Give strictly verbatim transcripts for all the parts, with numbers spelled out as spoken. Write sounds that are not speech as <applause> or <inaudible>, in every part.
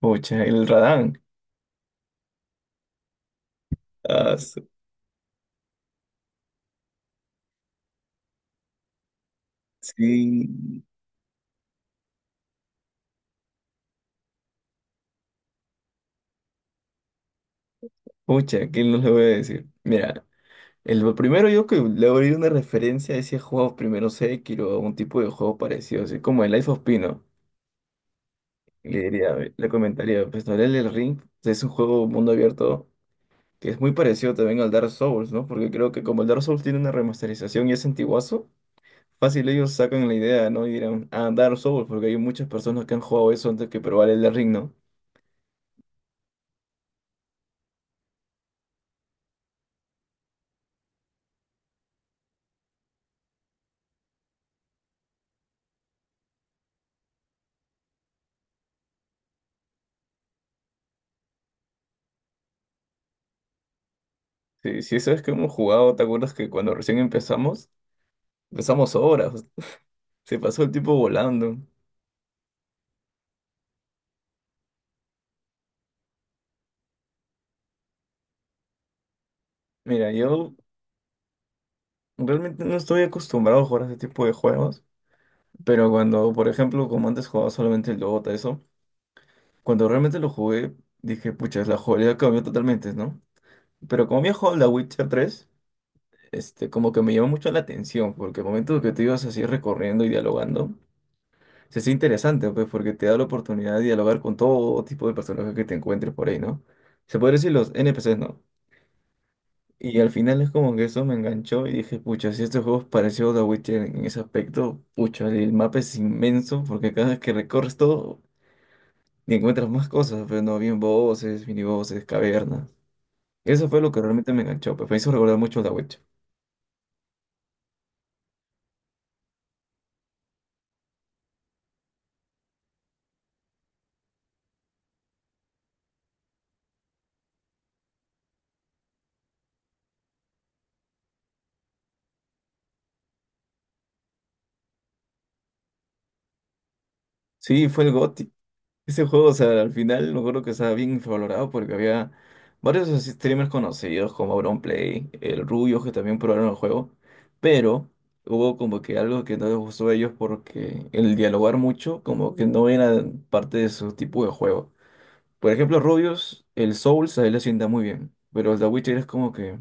Pucha, el Radán. Ah, su- sí. Pucha, ¿qué no le voy a decir? Mira, el lo primero yo que le abrí una referencia a ese juego, primero Sekiro, a un tipo de juego parecido, así como el Life of Pino. Le diría, le comentaría, pues no, el Ring es un juego mundo abierto que es muy parecido también al Dark Souls, ¿no? Porque creo que como el Dark Souls tiene una remasterización y es antiguazo, fácil ellos sacan la idea, ¿no? Y dirán, ah, Dark Souls, porque hay muchas personas que han jugado eso antes que probar el Ring, ¿no? Sí, sí, sabes que hemos jugado. ¿Te acuerdas que cuando recién empezamos, empezamos horas, se pasó el tiempo volando? Mira, yo realmente no estoy acostumbrado a jugar a ese tipo de juegos, pero cuando, por ejemplo, como antes jugaba solamente el Dota, eso, cuando realmente lo jugué, dije, pucha, la jugabilidad cambió totalmente, ¿no? Pero como había jugado la Witcher tres este, como que me llamó mucho la atención, porque el momento que te ibas así recorriendo y dialogando, se hace interesante, pues, porque te da la oportunidad de dialogar con todo tipo de personajes que te encuentres por ahí, ¿no? Se puede decir los N P N P C s, ¿no? Y al final es como que eso me enganchó y dije, pucha, si este juego es parecido a The Witcher en ese aspecto, pucha, el mapa es inmenso porque cada vez que recorres todo y encuentras más cosas, pero no, bien voces, mini voces, cavernas. Eso fue lo que realmente me enganchó, pues me hizo recordar mucho a The Witcher. Sí, fue el GOTY. Ese juego, o sea, al final me acuerdo que estaba bien valorado porque había varios así streamers conocidos como Auronplay, el Rubio, que también probaron el juego, pero hubo como que algo que no les gustó a ellos porque el dialogar mucho como que no era parte de su tipo de juego. Por ejemplo, Rubius, el Souls a él le sienta muy bien, pero el The Witcher es como que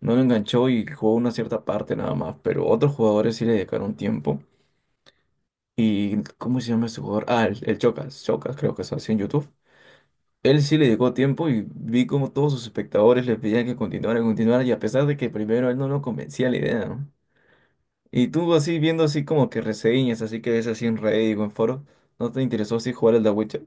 no lo enganchó y jugó una cierta parte nada más, pero otros jugadores sí le dedicaron tiempo. ¿Y cómo se llama ese jugador? Ah, el, el Chocas, Chocas creo que es así en YouTube. Él sí le llegó tiempo y vi como todos sus espectadores le pedían que continuara, continuara, y a pesar de que primero él no lo convencía la idea, ¿no? Y tú así viendo así como que reseñas, así que ves así en Reddit o en foro, ¿no te interesó así jugar al The Witcher?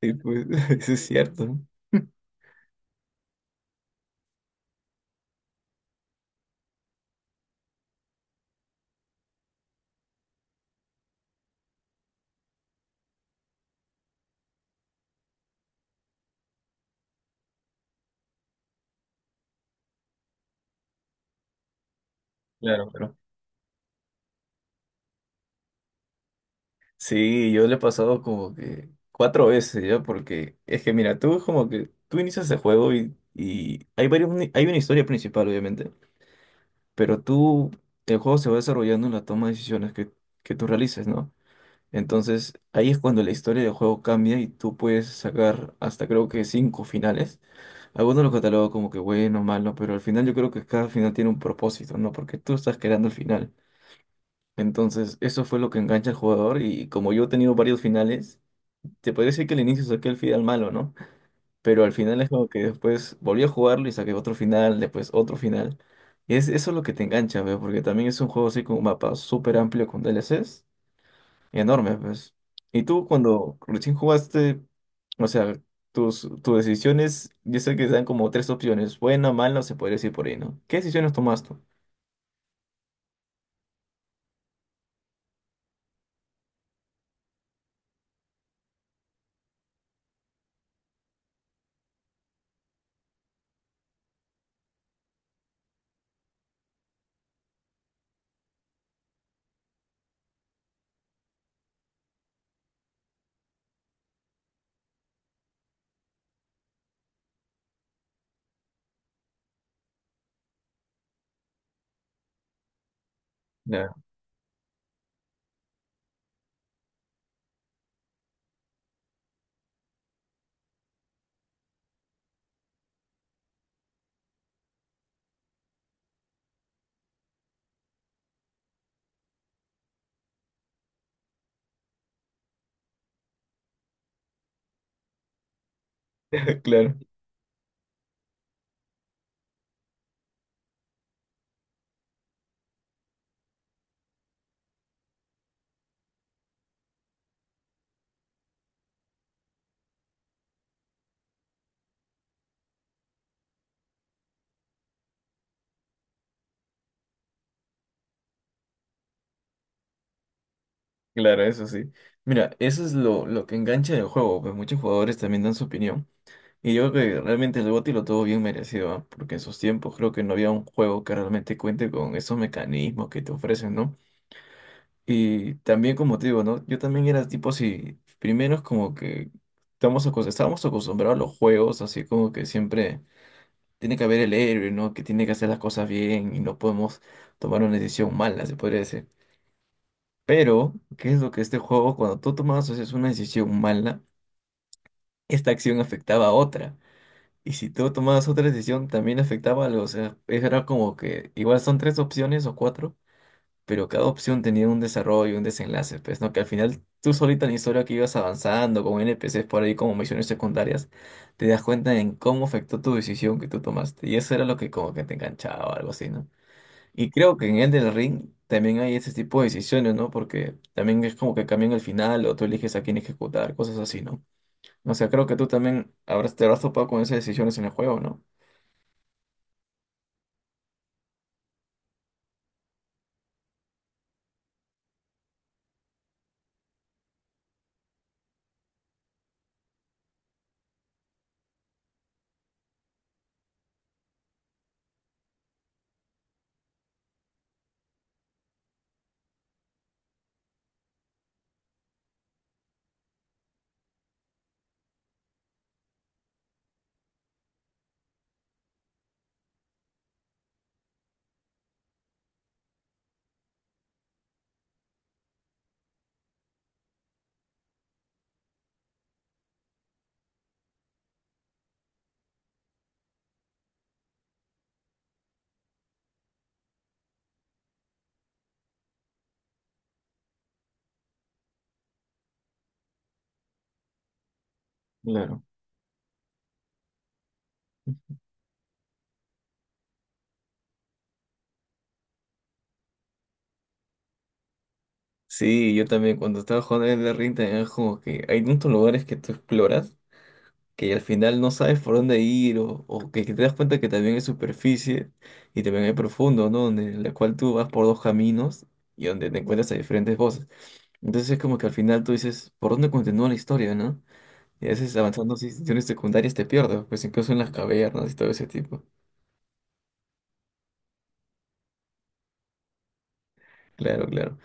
Sí, pues, <laughs> eso es cierto, ¿no? Claro, pero... sí, yo le he pasado como que cuatro veces ya, porque es que mira, tú como que tú inicias el juego y, y hay varios, ni- hay una historia principal, obviamente, pero tú, el juego se va desarrollando en la toma de decisiones que, que tú realices, ¿no? Entonces, ahí es cuando la historia del juego cambia y tú puedes sacar hasta creo que cinco finales. Algunos los catalogo como que bueno, malo, pero al final yo creo que cada final tiene un propósito, ¿no? Porque tú estás creando el final. Entonces, eso fue lo que engancha al jugador y como yo he tenido varios finales, te podría decir que al inicio saqué el final malo, ¿no? Pero al final es como que después volví a jugarlo y saqué otro final, después otro final. Y es, eso es lo que te engancha, ¿ve? Porque también es un juego así con un mapa súper amplio con D L C s. Enorme, pues. Y tú cuando recién jugaste, o sea, tus, tus decisiones, yo sé que dan como tres opciones, buena, mala, o se podría decir por ahí, ¿no? ¿Qué decisiones tomaste? Ya. <laughs> Claro, claro, eso sí. Mira, eso es lo, lo que engancha el juego, pues muchos jugadores también dan su opinión. Y yo creo que realmente el GOTY lo tuvo bien merecido, ¿ah? Porque en sus tiempos creo que no había un juego que realmente cuente con esos mecanismos que te ofrecen, ¿no? Y también como te digo, ¿no? Yo también era tipo así, primero es como que estamos acos- estábamos acostumbrados a los juegos, así como que siempre tiene que haber el héroe, ¿no? Que tiene que hacer las cosas bien y no podemos tomar una decisión mala, se podría decir. Pero ¿qué es lo que este juego, cuando tú tomabas, o sea, una decisión mala, esta acción afectaba a otra? Y si tú tomabas otra decisión, también afectaba a los... o sea, era como que igual son tres opciones o cuatro, pero cada opción tenía un desarrollo, un desenlace, pues, ¿no? Que al final tú solita en la historia que ibas avanzando con N P C s por ahí como misiones secundarias, te das cuenta en cómo afectó tu decisión que tú tomaste. Y eso era lo que como que te enganchaba o algo así, ¿no? Y creo que en Elden Ring también hay ese tipo de decisiones, ¿no? Porque también es como que cambian el final o tú eliges a quién ejecutar, cosas así, ¿no? O sea, creo que tú también habrás, te habrás topado con esas decisiones en el juego, ¿no? Claro. Sí, yo también cuando estaba jugando en Elden Ring también es como que hay muchos lugares que tú exploras que al final no sabes por dónde ir, o, o que que te das cuenta que también hay superficie y también hay profundo, ¿no? Donde, en la cual tú vas por dos caminos y donde te encuentras a diferentes voces. Entonces es como que al final tú dices, ¿por dónde continúa la historia, no? Y a veces avanzando en instituciones secundarias te pierdes, pues incluso en las cavernas y todo ese tipo. Claro, claro.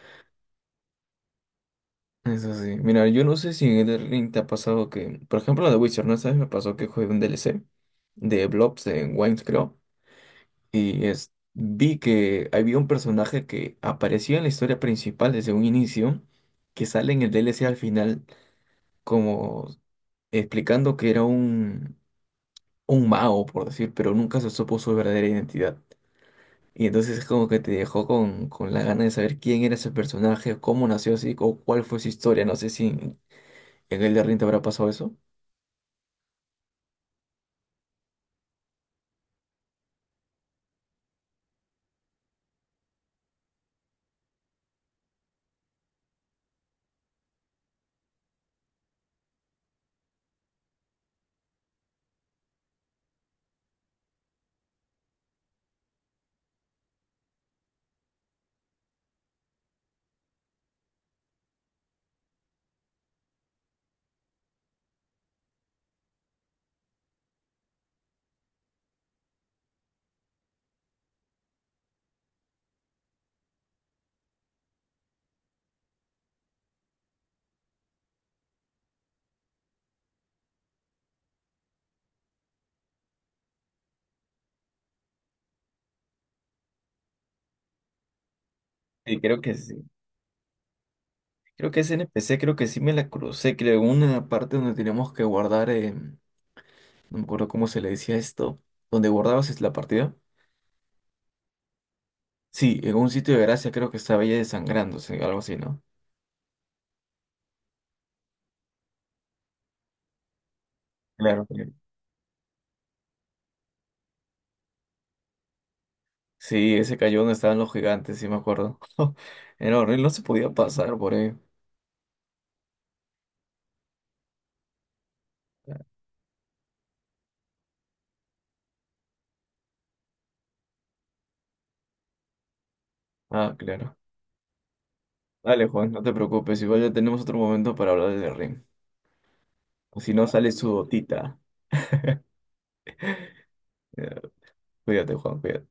Eso sí. Mira, yo no sé si en Elden Ring te ha pasado que, por ejemplo, la de Witcher, ¿no sabes? Me pasó que jugué un D L C de Blobs en Wayne's Club, y es, vi que había un personaje que apareció en la historia principal desde un inicio, que sale en el D L C al final, como explicando que era un, un mago, por decir, pero nunca se supo su verdadera identidad. Y entonces es como que te dejó con, con la gana de saber quién era ese personaje, cómo nació así, o cuál fue su historia. No sé si en el de Ring te habrá pasado eso. Sí, creo que sí. Creo que ese N P C, creo que sí me la crucé, creo, en una parte donde teníamos que guardar. Eh, no me acuerdo cómo se le decía esto, donde guardabas es la partida. Sí, en un sitio de gracia creo que estaba ella desangrándose, algo así, ¿no? Claro, claro. Sí, ese cayó donde estaban los gigantes, sí me acuerdo. <laughs> Era horrible, no se podía pasar por ahí. Ah, claro. Dale, Juan, no te preocupes, igual ya tenemos otro momento para hablar del ring. O si no, sale su gotita. Eh, Cuídate, Juan, cuídate.